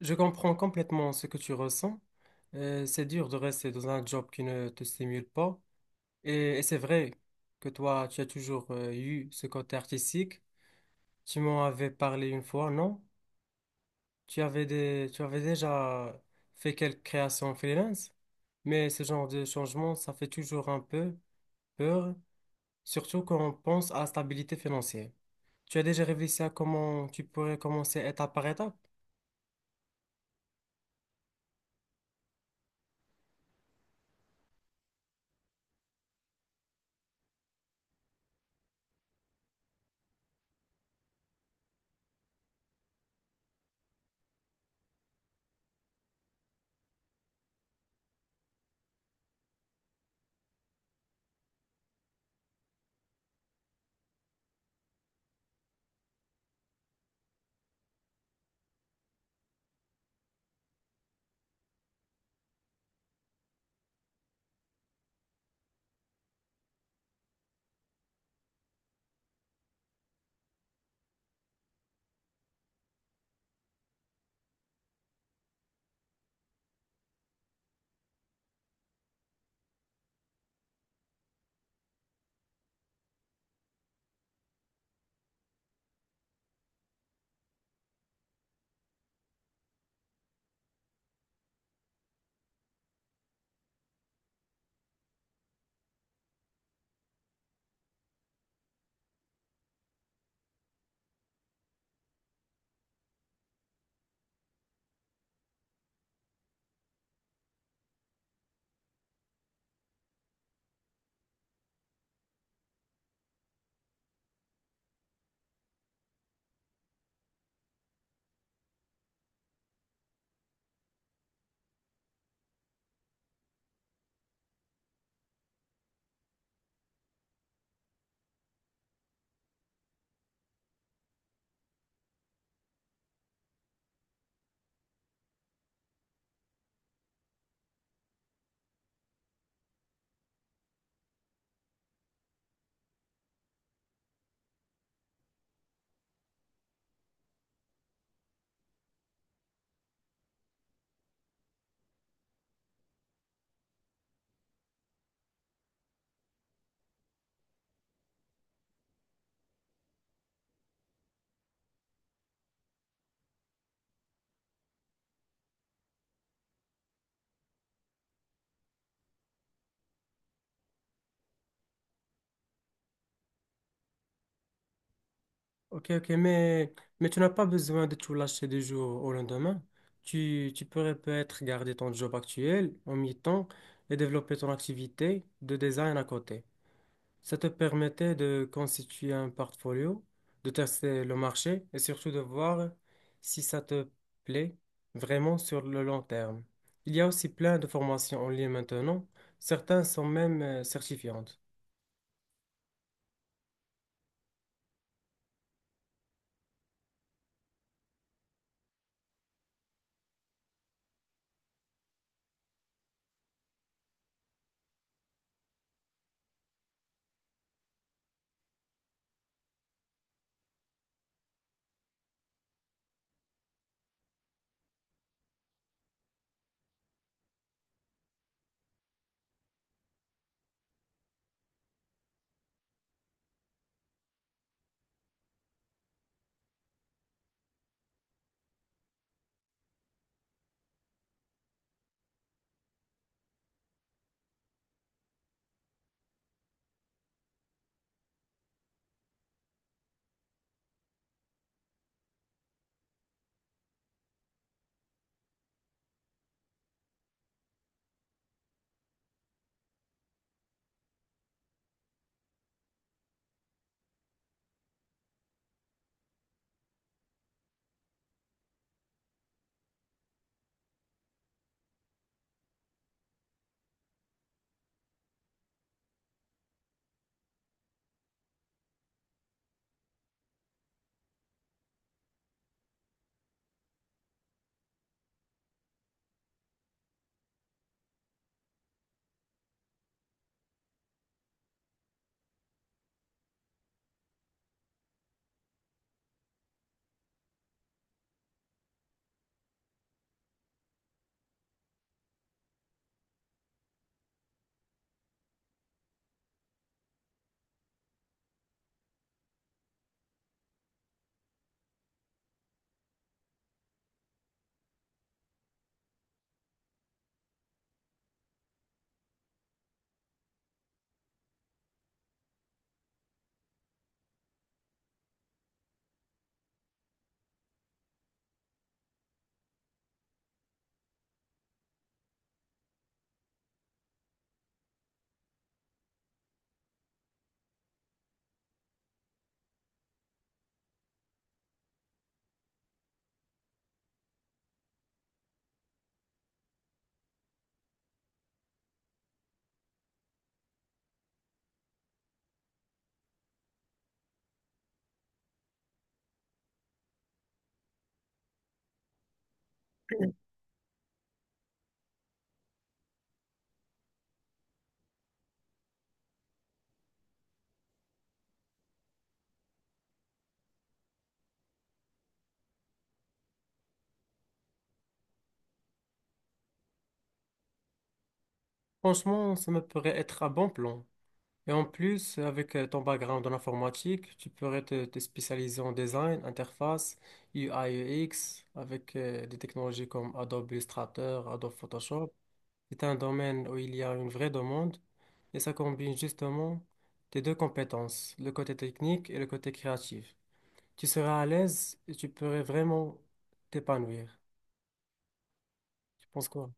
Je comprends complètement ce que tu ressens. C'est dur de rester dans un job qui ne te stimule pas. Et c'est vrai que toi, tu as toujours eu ce côté artistique. Tu m'en avais parlé une fois, non? Tu avais déjà fait quelques créations freelance, mais ce genre de changement, ça fait toujours un peu peur, surtout quand on pense à la stabilité financière. Tu as déjà réfléchi à comment tu pourrais commencer étape par étape? Ok, ok, mais, mais tu n'as pas besoin de tout lâcher du jour au lendemain. Tu pourrais peut-être garder ton job actuel en mi-temps et développer ton activité de design à côté. Ça te permettait de constituer un portfolio, de tester le marché et surtout de voir si ça te plaît vraiment sur le long terme. Il y a aussi plein de formations en ligne maintenant. Certaines sont même certifiantes. Franchement, ça me pourrait être un bon plan. Et en plus, avec ton background en informatique, te spécialiser en design, interface, U UI, X avec des technologies comme Adobe Illustrator, Adobe Photoshop. C'est un domaine où il y a une vraie demande et ça combine justement tes deux compétences, le côté technique et le côté créatif. Tu seras à l'aise et tu pourrais vraiment t'épanouir. Tu penses quoi?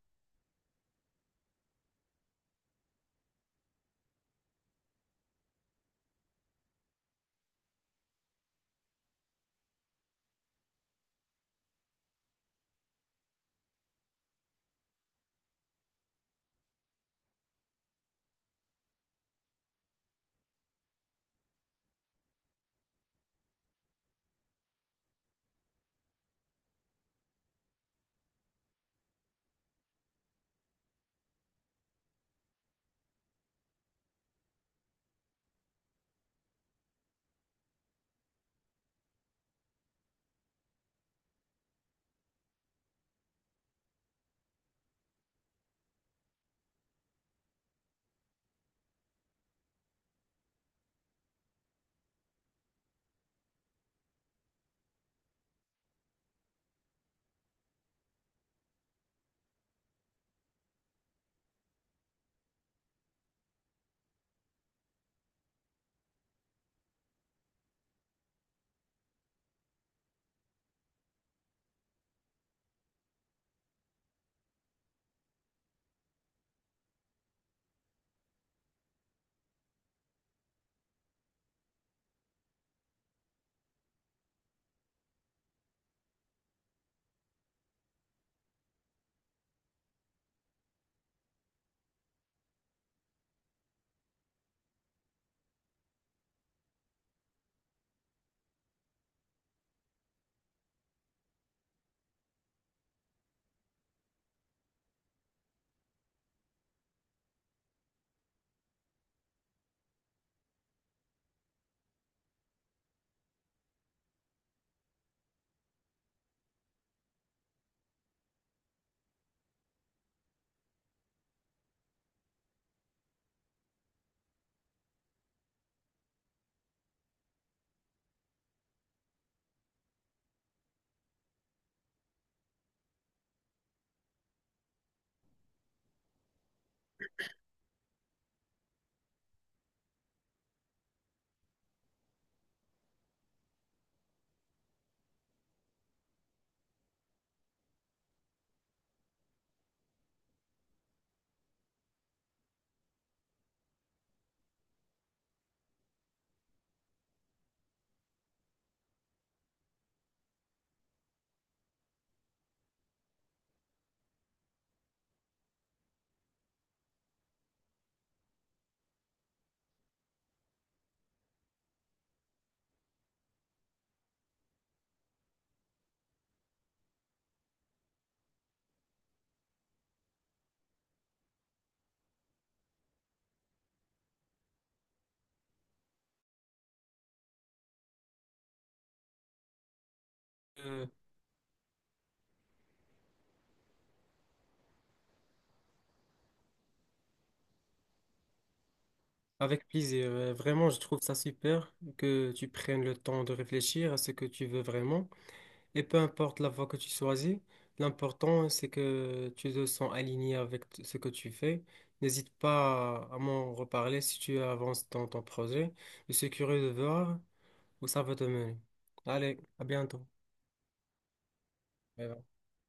Euh, Avec plaisir. Vraiment, je trouve ça super que tu prennes le temps de réfléchir à ce que tu veux vraiment. Et peu importe la voie que tu choisis, l'important c'est que tu te sens aligné avec ce que tu fais. N'hésite pas à m'en reparler si tu avances dans ton projet. Je suis curieux de voir où ça va te mener. Allez, à bientôt. Bye bye.